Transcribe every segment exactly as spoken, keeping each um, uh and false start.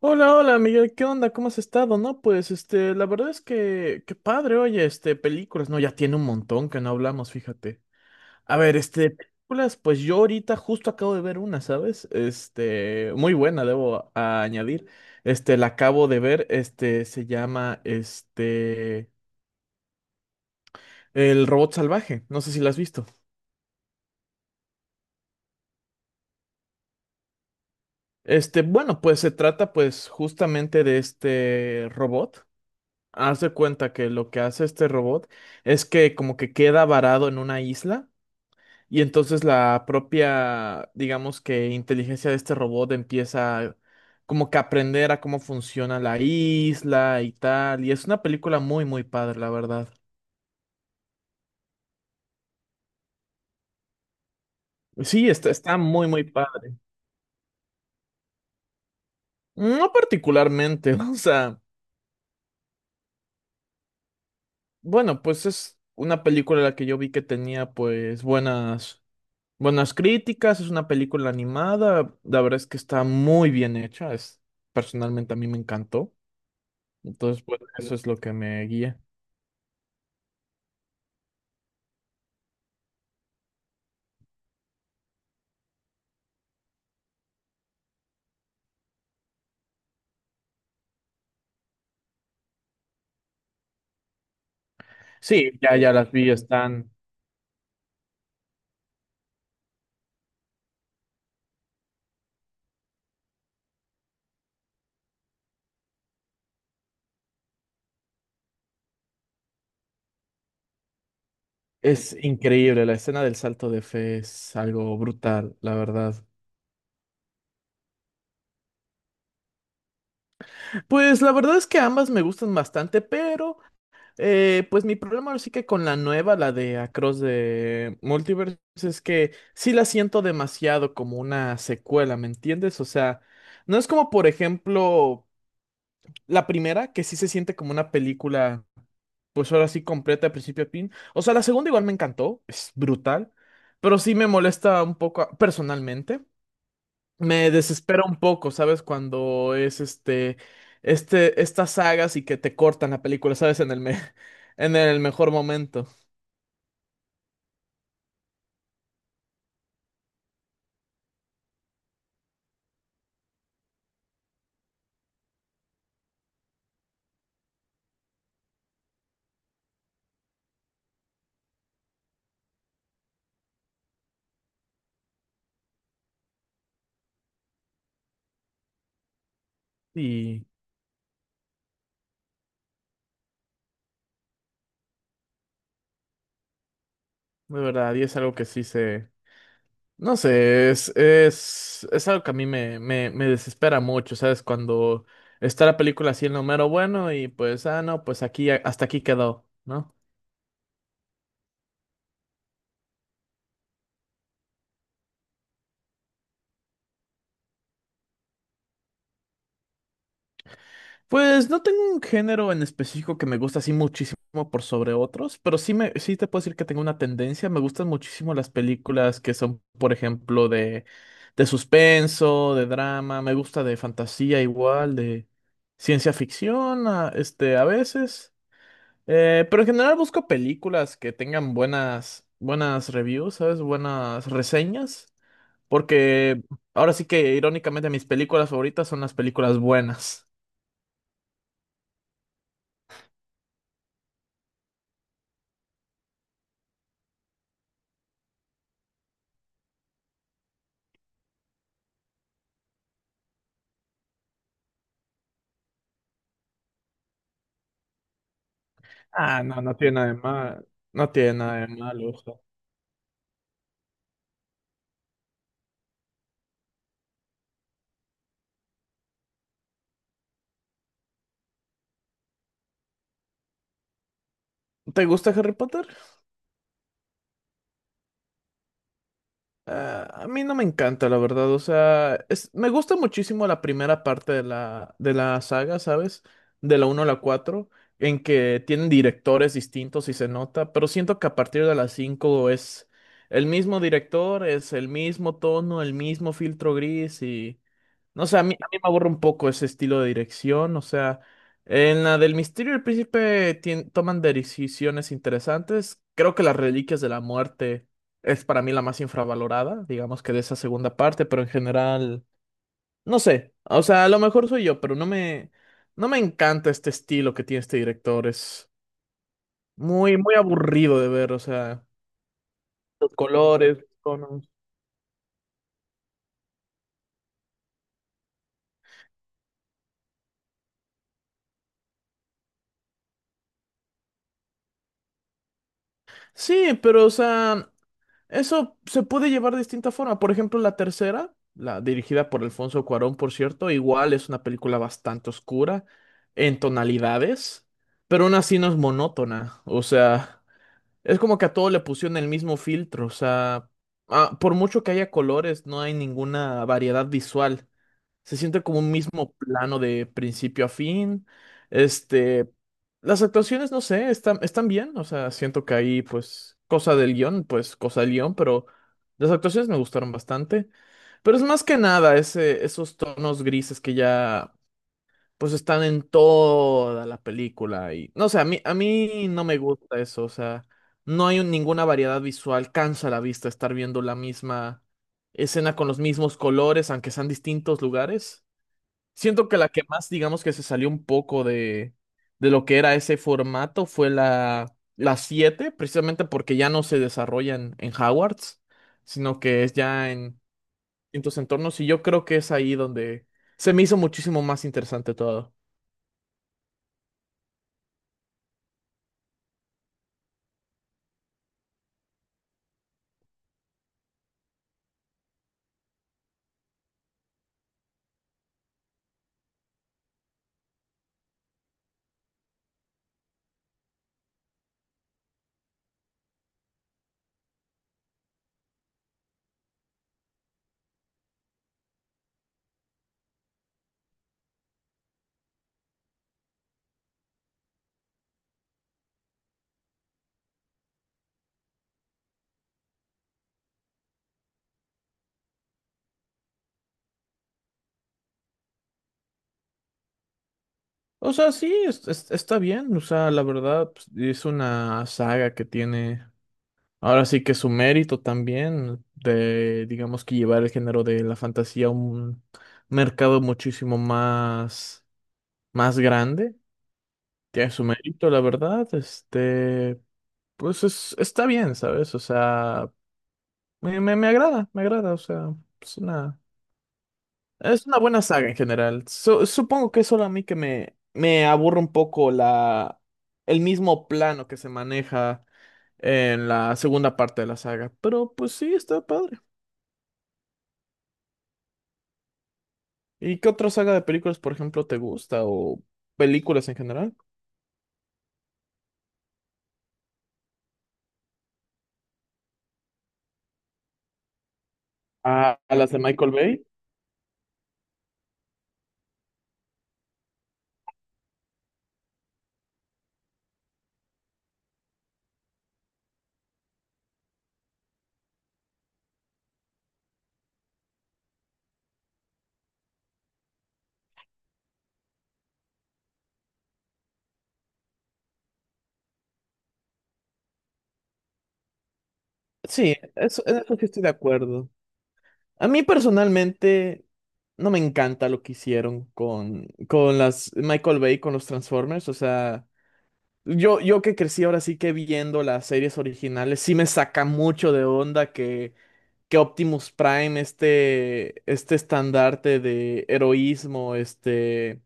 Hola, hola, Miguel, ¿qué onda? ¿Cómo has estado? No, pues, este, la verdad es que, qué padre, oye, este, películas, no, ya tiene un montón que no hablamos, fíjate. A ver, este, películas, pues yo ahorita justo acabo de ver una, ¿sabes? Este, muy buena, debo a- añadir. Este, la acabo de ver, este, se llama, este, El Robot Salvaje, no sé si la has visto. Este, bueno, pues se trata, pues, justamente de este robot. Haz de cuenta que lo que hace este robot es que como que queda varado en una isla y entonces la propia, digamos que inteligencia de este robot empieza como que a aprender a cómo funciona la isla y tal. Y es una película muy, muy padre, la verdad. Sí, está, está muy, muy padre. No particularmente, o sea, bueno, pues es una película la que yo vi que tenía pues buenas Buenas críticas. Es una película animada, la verdad es que está muy bien hecha, es, personalmente a mí me encantó, entonces pues eso es lo que me guía. Sí, ya, ya las vi, están, es increíble. La escena del salto de fe es algo brutal, la verdad. Pues la verdad es que ambas me gustan bastante, pero eh, pues mi problema ahora sí que con la nueva, la de Across the Multiverse, es que sí la siento demasiado como una secuela, ¿me entiendes? O sea, no es como, por ejemplo, la primera, que sí se siente como una película, pues ahora sí completa de principio a fin. O sea, la segunda igual me encantó, es brutal, pero sí me molesta un poco a- personalmente. Me desespera un poco, ¿sabes? Cuando es este, este, estas sagas y que te cortan la película, ¿sabes? En el me- en el mejor momento. Y de verdad, y es algo que sí se, no sé, es, es, es algo que a mí me, me, me desespera mucho, ¿sabes? Cuando está la película así en lo mero bueno y pues, ah, no, pues aquí, hasta aquí quedó, ¿no? Pues no tengo un género en específico que me gusta así muchísimo por sobre otros, pero sí, me, sí te puedo decir que tengo una tendencia. Me gustan muchísimo las películas que son, por ejemplo, de, de suspenso, de drama, me gusta de fantasía igual, de ciencia ficción, a- este, a veces. Eh, pero en general busco películas que tengan buenas, buenas reviews, ¿sabes? Buenas reseñas. Porque ahora sí que irónicamente mis películas favoritas son las películas buenas. Ah, no, no tiene nada de mal. No tiene nada de malo. ¿Te gusta Harry Potter? Ah, a mí no me encanta, la verdad. O sea, es- me gusta muchísimo la primera parte de la, de la saga, ¿sabes? De la uno a la cuatro, en que tienen directores distintos y se nota, pero siento que a partir de la cinco es el mismo director, es el mismo tono, el mismo filtro gris y no sé, a mí, a mí me aburre un poco ese estilo de dirección. O sea, en la del Misterio del Príncipe tien- toman decisiones interesantes. Creo que las Reliquias de la Muerte es para mí la más infravalorada, digamos que de esa segunda parte, pero en general, no sé. O sea, a lo mejor soy yo, pero no me, no me encanta este estilo que tiene este director. Es muy, muy aburrido de ver, o sea, los colores, los tonos. Sí, pero o sea, eso se puede llevar de distinta forma. Por ejemplo, la tercera, la dirigida por Alfonso Cuarón, por cierto, igual es una película bastante oscura en tonalidades, pero aún así no es monótona. O sea, es como que a todo le pusieron el mismo filtro, o sea, ah, por mucho que haya colores, no hay ninguna variedad visual. Se siente como un mismo plano de principio a fin. Este, las actuaciones, no sé, están, están bien, o sea, siento que ahí, pues, cosa del guión, pues, cosa del guión, pero las actuaciones me gustaron bastante. Pero es más que nada ese, esos tonos grises que ya pues están en toda la película y no sé, a mí a mí no me gusta eso, o sea, no hay un- ninguna variedad visual, cansa la vista estar viendo la misma escena con los mismos colores, aunque sean distintos lugares. Siento que la que más, digamos que se salió un poco de, de lo que era ese formato fue la la siete, precisamente porque ya no se desarrolla en, en Hogwarts, sino que es ya en distintos entornos y yo creo que es ahí donde se me hizo muchísimo más interesante todo. O sea, sí, es- es- está bien. O sea, la verdad, pues, es una saga que tiene ahora sí que su mérito también de, digamos que llevar el género de la fantasía a un mercado muchísimo más, más grande. Tiene su mérito, la verdad. Este, pues es, está bien, ¿sabes? O sea, me, me, me agrada, me agrada. O sea, es una... Es una buena saga en general. Su- supongo que es solo a mí que me, me aburre un poco la, el mismo plano que se maneja en la segunda parte de la saga. Pero pues sí, está padre. ¿Y qué otra saga de películas, por ejemplo, te gusta? ¿O películas en general? Ah, ¿a, las de Michael Bay? Sí, eso, en eso sí estoy de acuerdo. A mí personalmente no me encanta lo que hicieron con, con las Michael Bay, con los Transformers. O sea, Yo, yo que crecí ahora sí que viendo las series originales, sí me saca mucho de onda que, que Optimus Prime, este, este estandarte de heroísmo, este,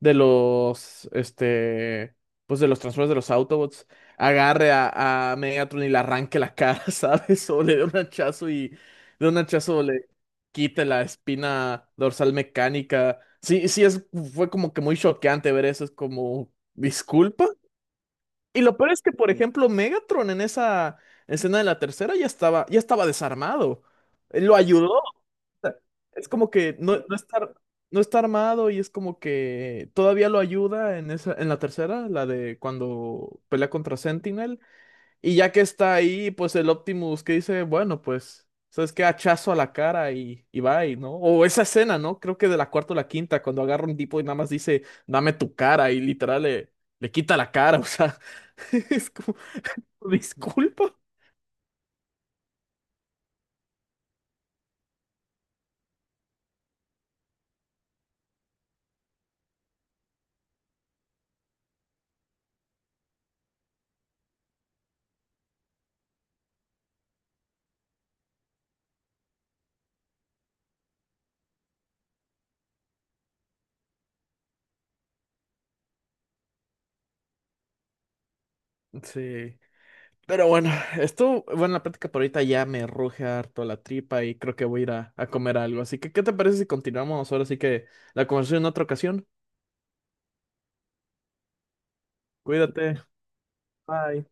de los, este, pues de los Transformers, de los Autobots, agarre a, a Megatron y le arranque la cara, ¿sabes? O le dé un hachazo y de un hachazo le quite la espina dorsal mecánica. Sí, sí, es, fue como que muy choqueante ver eso, es como, disculpa. Y lo peor es que, por ejemplo, Megatron en esa escena de la tercera ya estaba, ya estaba desarmado. Él lo ayudó. O sea, es como que no, no está, no está armado y es como que todavía lo ayuda en esa, en la tercera, la de cuando pelea contra Sentinel. Y ya que está ahí, pues el Optimus que dice, bueno, pues, ¿sabes qué? Hachazo a la cara y, y va y, ¿no? O esa escena, ¿no? Creo que de la cuarta o la quinta, cuando agarra un tipo y nada más dice, dame tu cara y literal le, le quita la cara, o sea, es como, disculpa. Sí. Pero bueno, esto, bueno, la práctica por ahorita ya me ruge harto la tripa y creo que voy a ir a, a comer algo. Así que, ¿qué te parece si continuamos ahora? Así que la conversación en otra ocasión. Cuídate. Bye.